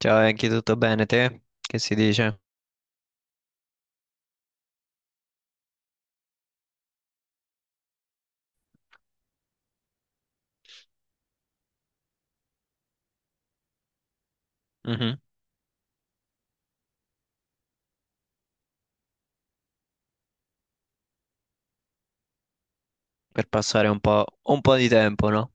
Ciao Enki, tutto bene te? Che si dice? Mhm. Per passare un po' di tempo, no?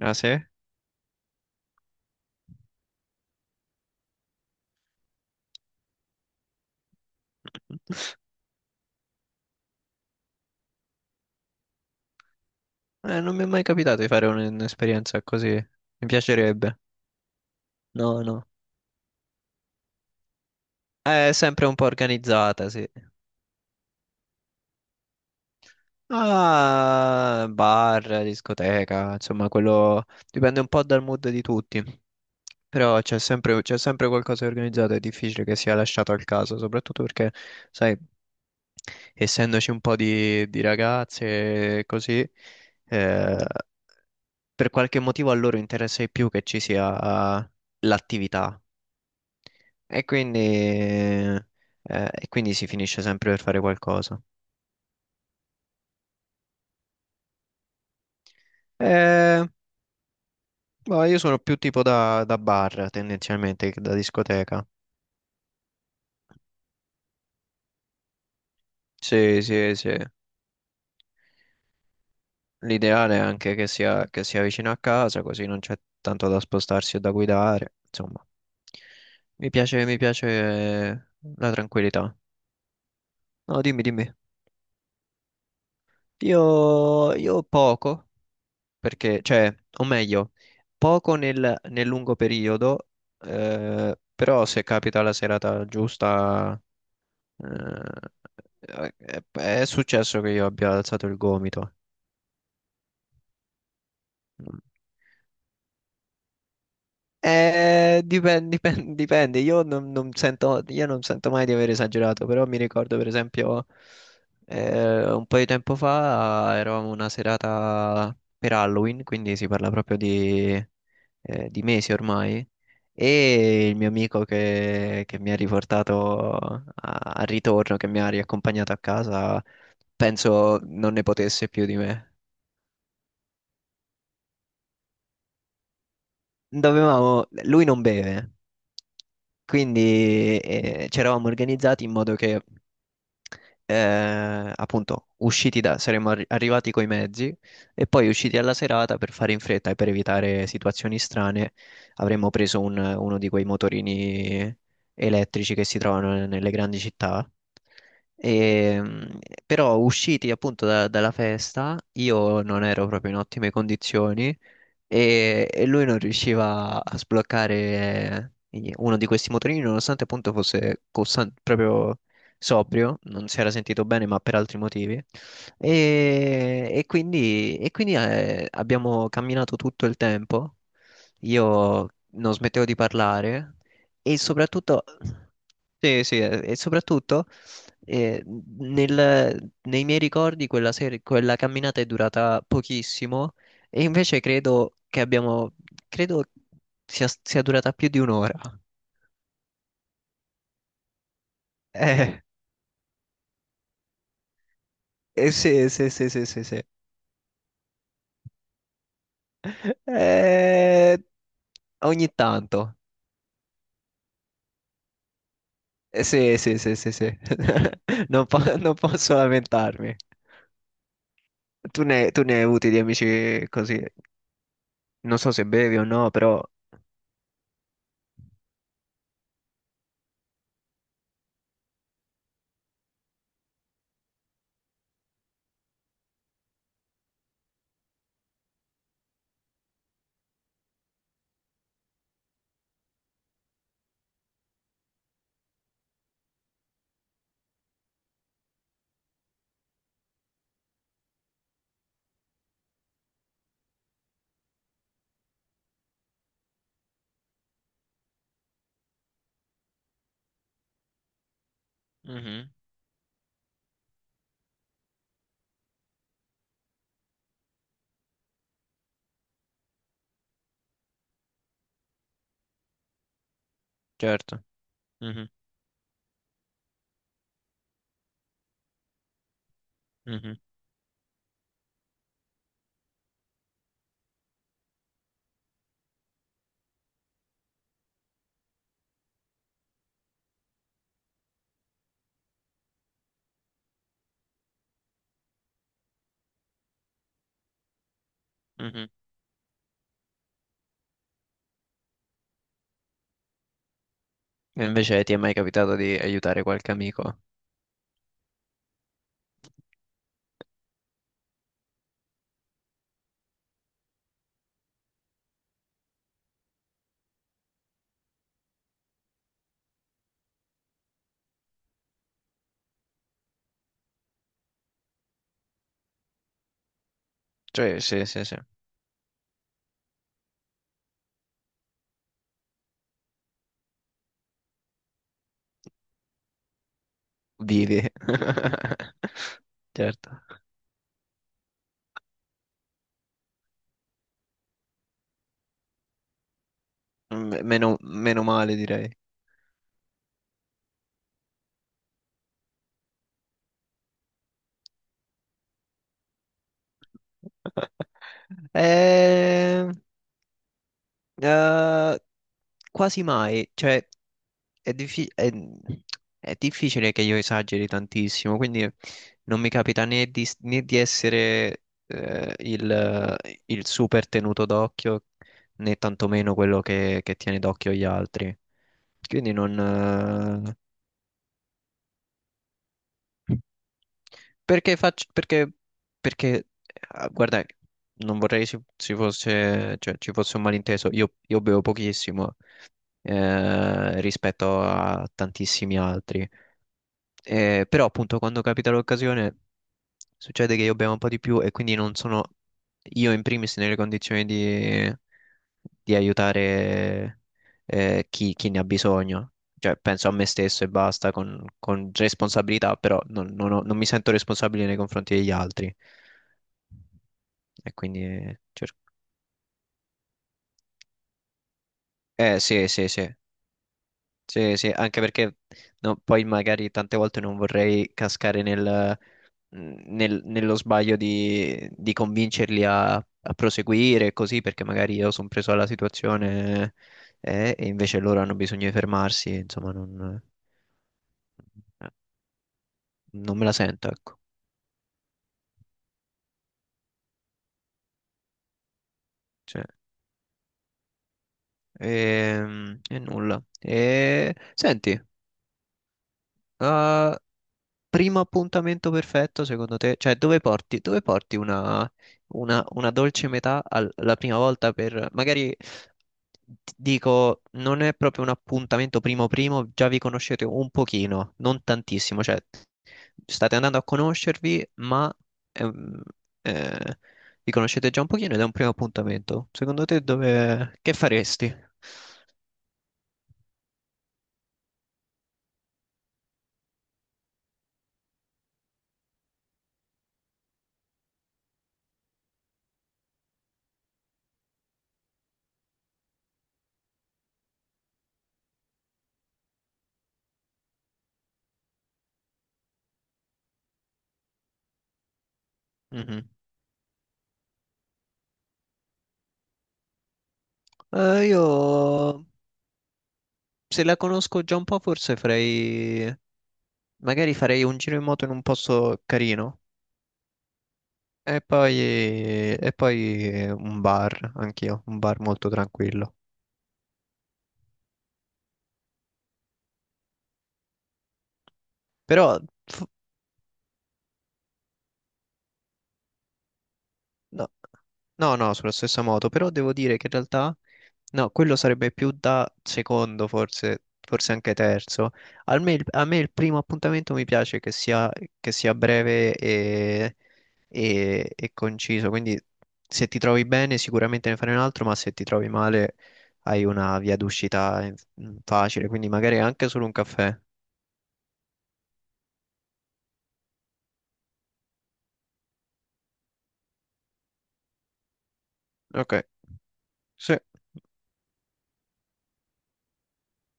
Ah sì? Non mi è mai capitato di fare un'esperienza così. Mi piacerebbe. No, no. È sempre un po' organizzata, sì. Ah, bar, discoteca, insomma, quello dipende un po' dal mood di tutti. Però c'è sempre qualcosa di organizzato, è difficile che sia lasciato al caso, soprattutto perché, sai, essendoci un po' di ragazze e così, eh, per qualche motivo a loro interessa di più che ci sia l'attività e quindi, eh, e quindi si finisce sempre per fare qualcosa. Eh, Boh, io sono più tipo da bar tendenzialmente che da discoteca. Sì, sì, sì. L'ideale è anche che sia vicino a casa, così non c'è tanto da spostarsi o da guidare. Insomma, mi piace la tranquillità. No, dimmi, dimmi. Io poco, perché, cioè, o meglio, poco nel lungo periodo, però se capita la serata giusta, eh, è successo che io abbia alzato il gomito. Dipende. Io non sento mai di aver esagerato, però mi ricordo per esempio un po' di tempo fa eravamo una serata per Halloween, quindi si parla proprio di mesi ormai, e il mio amico che mi ha riportato al ritorno, che mi ha riaccompagnato a casa, penso non ne potesse più di me. Dovevamo, lui non beve. Quindi ci eravamo organizzati in modo che, appunto, saremmo arrivati coi mezzi e poi usciti alla serata per fare in fretta e per evitare situazioni strane, avremmo preso uno di quei motorini elettrici che si trovano nelle grandi città. E, mh, però usciti appunto dalla festa, io non ero proprio in ottime condizioni e lui non riusciva a sbloccare uno di questi motorini, nonostante appunto fosse proprio sobrio, non si era sentito bene, ma per altri motivi. E quindi, abbiamo camminato tutto il tempo. Io non smettevo di parlare e soprattutto, sì, sì, nei miei ricordi quella camminata è durata pochissimo e invece credo sia durata più di un'ora. Eh, sì, sì, sì, sì, sì, sì. Eh, Ogni tanto. Sì, sì, sì, sì, sì. Non posso lamentarmi. Tu ne hai avuti di amici così. Non so se bevi o no, però. Mhm, certo. Mhm, mhm, mhm. E invece ti è mai capitato di aiutare qualche amico? Cioè, sì, sì, sì. Vivi. Certo. Meno male, direi. Eh, eh, Quasi mai. Cioè, è, diffi- è- è difficile che io esageri tantissimo, quindi non mi capita né di essere il super tenuto d'occhio, né tantomeno quello che tiene d'occhio gli altri. Quindi non. Eh, Perché faccio, perché, perché, eh, guarda, non vorrei si fosse, cioè, ci fosse un malinteso. Io bevo pochissimo rispetto a tantissimi altri. Però appunto quando capita l'occasione succede che io bevo un po' di più e quindi non sono io in primis nelle condizioni di aiutare chi ne ha bisogno. Cioè penso a me stesso e basta con responsabilità, però non mi sento responsabile nei confronti degli altri. E quindi cerco. Eh sì, sì, sì, sì, sì, anche perché no, poi magari tante volte non vorrei cascare nello sbaglio di convincerli a proseguire e così, perché magari io sono preso alla situazione e invece loro hanno bisogno di fermarsi, insomma, eh, non me la sento, ecco. Cioè, nulla. E, senti, eh, primo appuntamento perfetto, secondo te? Cioè, dove porti una dolce metà la prima volta Magari ti dico, non è proprio un appuntamento primo primo, già vi conoscete un pochino, non tantissimo, cioè state andando a conoscervi, ma ehm, eh, vi conoscete già un pochino ed è un primo appuntamento. Secondo te che faresti? Mhm. Io se la conosco già un po', forse farei. Magari farei un giro in moto in un posto carino e poi, un bar, anch'io, un bar molto tranquillo. Però f- No, no, no, sulla stessa moto, però devo dire che in realtà, no, quello sarebbe più da secondo, forse anche terzo. A me, il primo appuntamento mi piace che sia breve e, e conciso, quindi se ti trovi bene sicuramente ne fai un altro, ma se ti trovi male hai una via d'uscita facile, quindi magari anche solo un caffè. Ok, sì.